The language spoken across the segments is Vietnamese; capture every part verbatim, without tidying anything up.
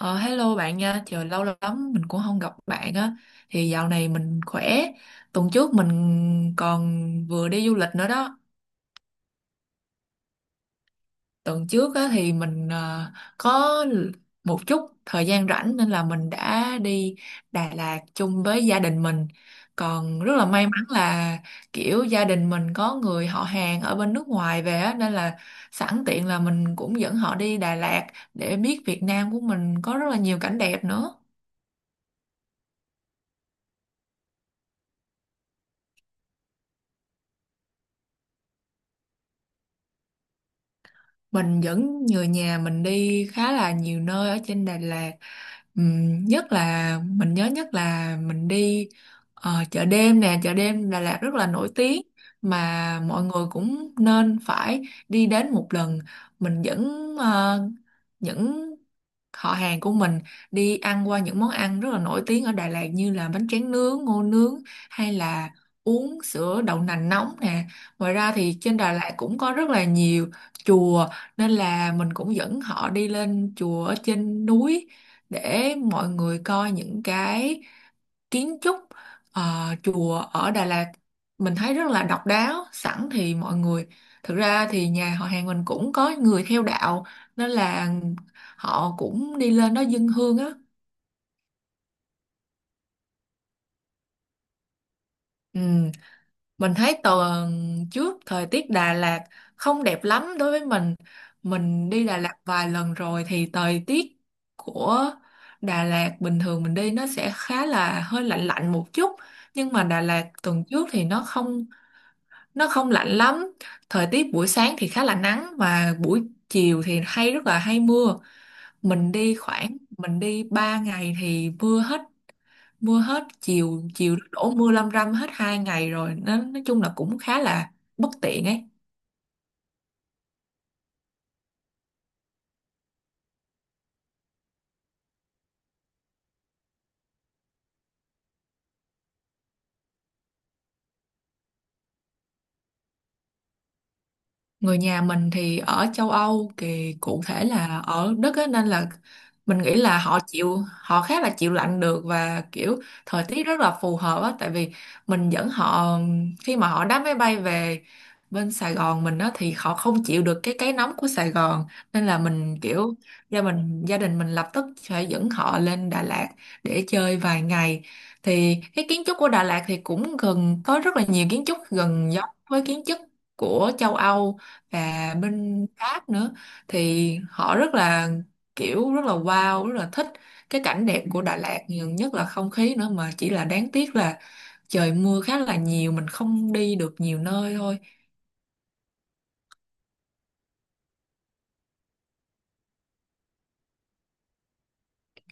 Ờ, hello bạn nha, trời lâu lắm mình cũng không gặp bạn á. Thì dạo này mình khỏe. Tuần trước mình còn vừa đi du lịch nữa đó. Tuần trước á, thì mình ờ, có một chút thời gian rảnh nên là mình đã đi Đà Lạt chung với gia đình mình. Còn rất là may mắn là kiểu gia đình mình có người họ hàng ở bên nước ngoài về á, nên là sẵn tiện là mình cũng dẫn họ đi Đà Lạt để biết Việt Nam của mình có rất là nhiều cảnh đẹp nữa. Mình dẫn người nhà mình đi khá là nhiều nơi ở trên Đà Lạt. Ừm, nhất là mình nhớ nhất là mình đi ờ, chợ đêm nè, chợ đêm Đà Lạt rất là nổi tiếng mà mọi người cũng nên phải đi đến một lần. Mình dẫn ờ, những họ hàng của mình đi ăn qua những món ăn rất là nổi tiếng ở Đà Lạt như là bánh tráng nướng, ngô nướng hay là uống sữa đậu nành nóng nè. Ngoài ra thì trên Đà Lạt cũng có rất là nhiều chùa nên là mình cũng dẫn họ đi lên chùa ở trên núi để mọi người coi những cái kiến trúc ờ, chùa ở Đà Lạt mình thấy rất là độc đáo. Sẵn thì mọi người, thực ra thì nhà họ hàng mình cũng có người theo đạo nên là họ cũng đi lên đó dâng hương á. Ừ. Mình thấy tuần trước thời tiết Đà Lạt không đẹp lắm đối với mình. Mình đi Đà Lạt vài lần rồi thì thời tiết của Đà Lạt bình thường mình đi nó sẽ khá là hơi lạnh lạnh một chút. Nhưng mà Đà Lạt tuần trước thì nó không nó không lạnh lắm. Thời tiết buổi sáng thì khá là nắng và buổi chiều thì hay rất là hay mưa. Mình đi khoảng mình đi ba ngày thì mưa hết mưa hết chiều, chiều đổ mưa lâm râm hết hai ngày rồi, nó nói chung là cũng khá là bất tiện ấy. Người nhà mình thì ở châu Âu, thì cụ thể là ở Đức á, nên là mình nghĩ là họ chịu họ khá là chịu lạnh được và kiểu thời tiết rất là phù hợp á, tại vì mình dẫn họ khi mà họ đáp máy bay về bên Sài Gòn mình á thì họ không chịu được cái cái nóng của Sài Gòn, nên là mình kiểu gia mình gia đình mình lập tức phải dẫn họ lên Đà Lạt để chơi vài ngày. Thì cái kiến trúc của Đà Lạt thì cũng gần có rất là nhiều kiến trúc gần giống với kiến trúc của châu Âu và bên Pháp nữa, thì họ rất là kiểu rất là wow, rất là thích cái cảnh đẹp của Đà Lạt, nhiều nhất là không khí nữa, mà chỉ là đáng tiếc là trời mưa khá là nhiều mình không đi được nhiều nơi thôi.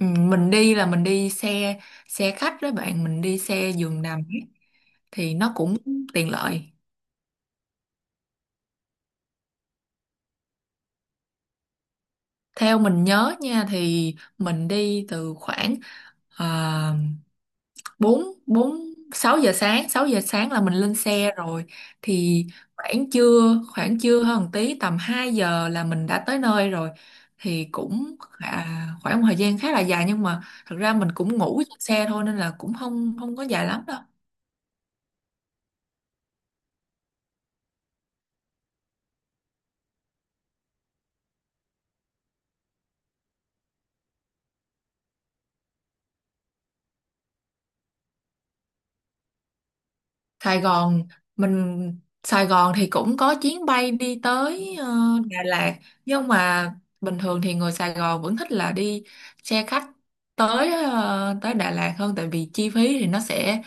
Ừ, mình đi là mình đi xe xe khách đó bạn, mình đi xe giường nằm ấy, thì nó cũng tiện lợi. Theo mình nhớ nha thì mình đi từ khoảng à, bốn bốn sáu giờ sáng, sáu giờ sáng là mình lên xe rồi, thì khoảng trưa khoảng trưa hơn một tí, tầm hai giờ là mình đã tới nơi rồi, thì cũng khá, khoảng một thời gian khá là dài, nhưng mà thật ra mình cũng ngủ trên xe thôi nên là cũng không không có dài lắm đâu. Sài Gòn mình Sài Gòn thì cũng có chuyến bay đi tới ờ, Đà Lạt, nhưng mà bình thường thì người Sài Gòn vẫn thích là đi xe khách tới ờ, tới Đà Lạt hơn, tại vì chi phí thì nó sẽ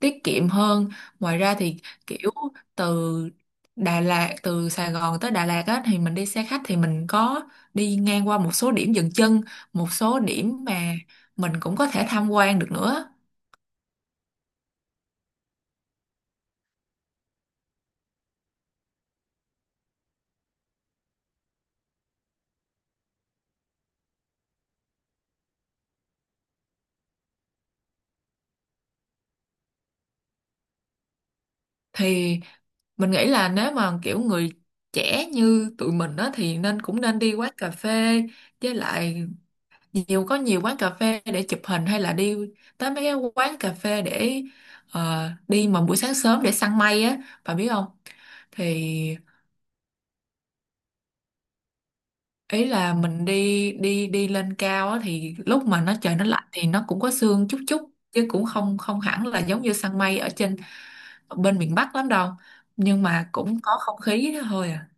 tiết kiệm hơn. Ngoài ra thì kiểu từ Đà Lạt từ Sài Gòn tới Đà Lạt á thì mình đi xe khách thì mình có đi ngang qua một số điểm dừng chân, một số điểm mà mình cũng có thể tham quan được nữa. Thì mình nghĩ là nếu mà kiểu người trẻ như tụi mình á thì nên, cũng nên đi quán cà phê, với lại nhiều có nhiều quán cà phê để chụp hình, hay là đi tới mấy cái quán cà phê để ờ, đi mà buổi sáng sớm để săn mây á, bà biết không. Thì ý là mình đi đi đi lên cao á, thì lúc mà nó trời nó lạnh thì nó cũng có sương chút chút, chứ cũng không không hẳn là giống như săn mây ở trên bên miền Bắc lắm đâu, nhưng mà cũng có không khí thôi à.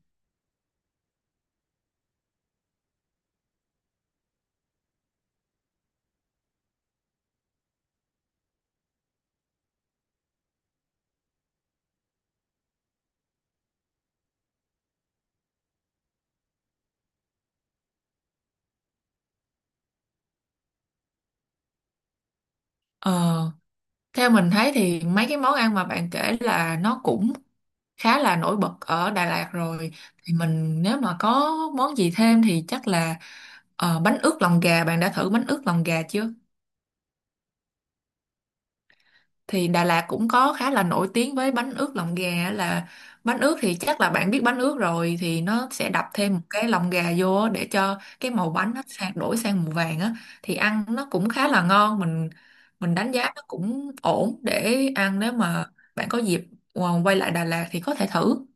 ờ, Theo mình thấy thì mấy cái món ăn mà bạn kể là nó cũng khá là nổi bật ở Đà Lạt rồi, thì mình nếu mà có món gì thêm thì chắc là ờ, bánh ướt lòng gà. Bạn đã thử bánh ướt lòng gà chưa? Thì Đà Lạt cũng có khá là nổi tiếng với bánh ướt lòng gà á, là bánh ướt thì chắc là bạn biết bánh ướt rồi, thì nó sẽ đập thêm một cái lòng gà vô á để cho cái màu bánh nó sang đổi sang màu vàng á, thì ăn nó cũng khá là ngon. Mình mình đánh giá nó cũng ổn để ăn, nếu mà bạn có dịp ờ, quay lại Đà Lạt thì có thể thử.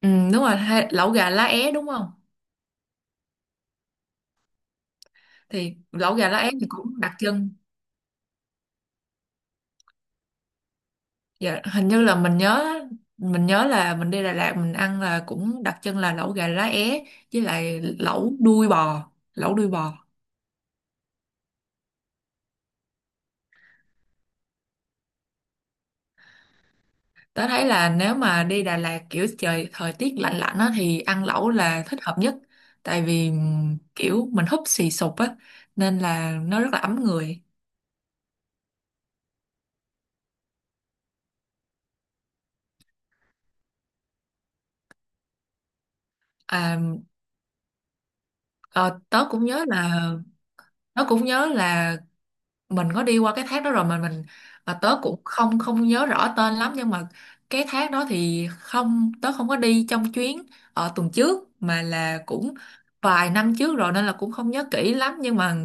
Ừ, đúng rồi, hay- lẩu gà lá é đúng không? Thì lẩu gà lá é thì cũng đặc trưng. Dạ, hình như là mình nhớ mình nhớ là mình đi Đà Lạt mình ăn là cũng đặc trưng là lẩu gà lá é với lại lẩu đuôi bò, lẩu đuôi bò. Tớ thấy là nếu mà đi Đà Lạt kiểu trời thời tiết lạnh lạnh á thì ăn lẩu là thích hợp nhất, tại vì ừm, kiểu mình húp xì sụp á, nên là nó rất là ấm người. À, ờ, tớ cũng nhớ là tớ cũng nhớ là mình có đi qua cái thác đó rồi, mà mình mà tớ cũng không không nhớ rõ tên lắm, nhưng mà cái thác đó thì không tớ không có đi trong chuyến ở tuần trước mà là cũng vài năm trước rồi nên là cũng không nhớ kỹ lắm, nhưng mà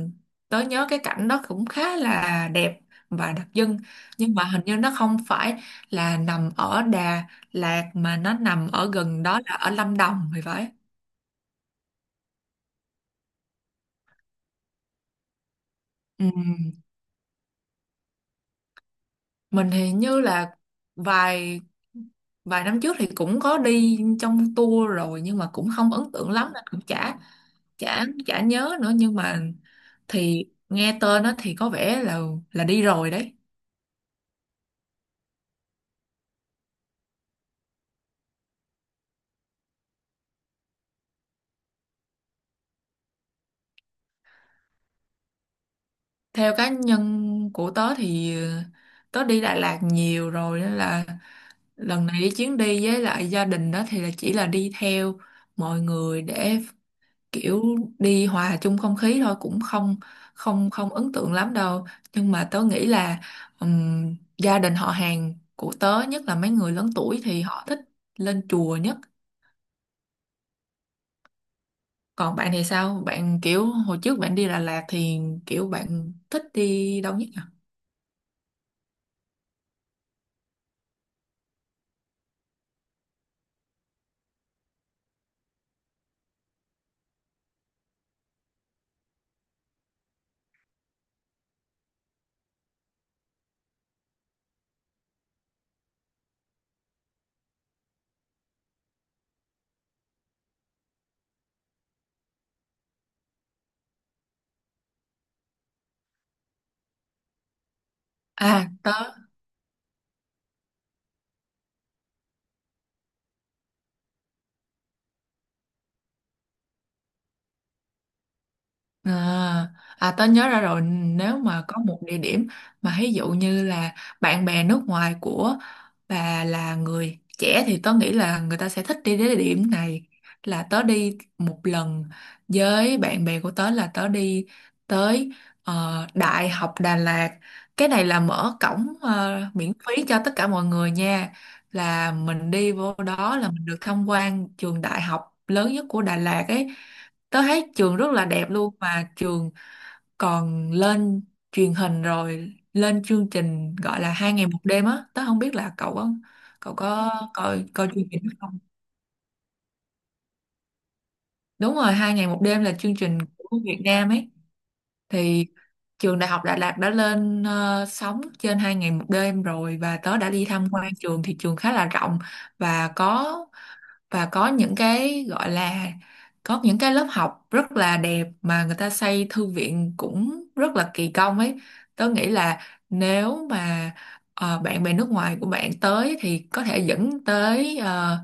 tớ nhớ cái cảnh đó cũng khá là đẹp và đặc trưng, nhưng mà hình như nó không phải là nằm ở Đà Lạt mà nó nằm ở gần đó, là ở Lâm Đồng thì phải. Ừ. Mình thì như là vài vài năm trước thì cũng có đi trong tour rồi nhưng mà cũng không ấn tượng lắm nên cũng chả chả chả nhớ nữa, nhưng mà thì nghe tên nó thì có vẻ là là đi rồi đấy. Theo cá nhân của tớ thì ờ, tớ đi Đà Lạt nhiều rồi nên là lần này đi chuyến đi với lại gia đình đó thì là chỉ là đi theo mọi người để kiểu đi hòa chung không khí thôi, cũng không không không ấn tượng lắm đâu, nhưng mà tớ nghĩ là ừm, gia đình họ hàng của tớ, nhất là mấy người lớn tuổi thì họ thích lên chùa nhất. Còn bạn thì sao, bạn kiểu hồi trước bạn đi Đà Lạt thì kiểu bạn thích đi đâu nhất nhỉ? à tớ à, À, tớ nhớ ra rồi. Nếu mà có một địa điểm mà ví dụ như là bạn bè nước ngoài của bà là người trẻ thì tớ nghĩ là người ta sẽ thích đi đến địa điểm này, là tớ đi một lần với bạn bè của tớ là tớ đi tới ờ, Đại học Đà Lạt. Cái này là mở cổng ờ, miễn phí cho tất cả mọi người nha, là mình đi vô đó là mình được tham quan trường đại học lớn nhất của Đà Lạt ấy. Tớ thấy trường rất là đẹp luôn, mà trường còn lên truyền hình rồi, lên chương trình gọi là Hai Ngày Một Đêm á, tớ không biết là cậu có cậu có coi coi chương trình đó không. Đúng rồi, Hai Ngày Một Đêm là chương trình của Việt Nam ấy. Thì trường Đại học Đà Lạt đã lên ờ, sóng trên Hai Ngày Một Đêm rồi, và tớ đã đi tham quan trường thì trường khá là rộng và có, và có những cái gọi là có những cái lớp học rất là đẹp, mà người ta xây thư viện cũng rất là kỳ công ấy. Tớ nghĩ là nếu mà ờ, bạn bè nước ngoài của bạn tới thì có thể dẫn tới ờ,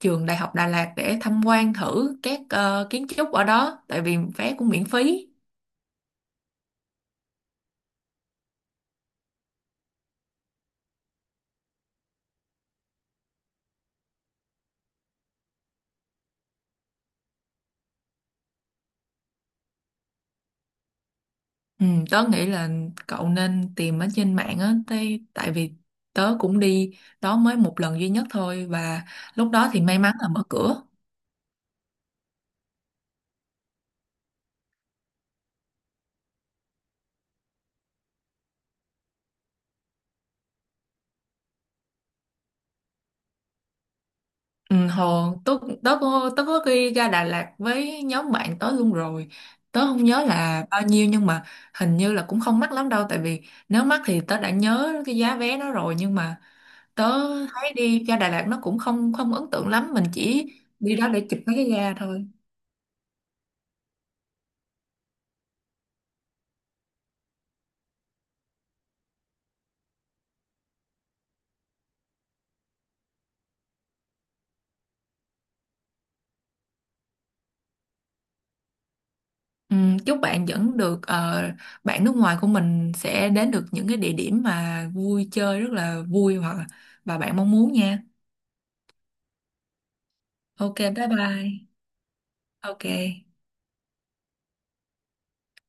trường Đại học Đà Lạt để tham quan thử các ờ, kiến trúc ở đó, tại vì vé cũng miễn phí. Ừ, tớ nghĩ là cậu nên tìm ở trên mạng á, tại tại vì tớ cũng đi đó mới một lần duy nhất thôi, và lúc đó thì may mắn là mở cửa. Ừ, hồi tớ tớ có tớ có đi ra Đà Lạt với nhóm bạn tớ luôn rồi, tớ không nhớ là bao nhiêu nhưng mà hình như là cũng không mắc lắm đâu, tại vì nếu mắc thì tớ đã nhớ cái giá vé đó rồi, nhưng mà tớ thấy đi ra Đà Lạt nó cũng không không ấn tượng lắm, mình chỉ đi đó để chụp mấy cái ga thôi. Ừ, chúc bạn vẫn được, ờ, bạn nước ngoài của mình sẽ đến được những cái địa điểm mà vui chơi rất là vui, hoặc là- và bạn mong muốn nha. Ok, bye bye. Ok.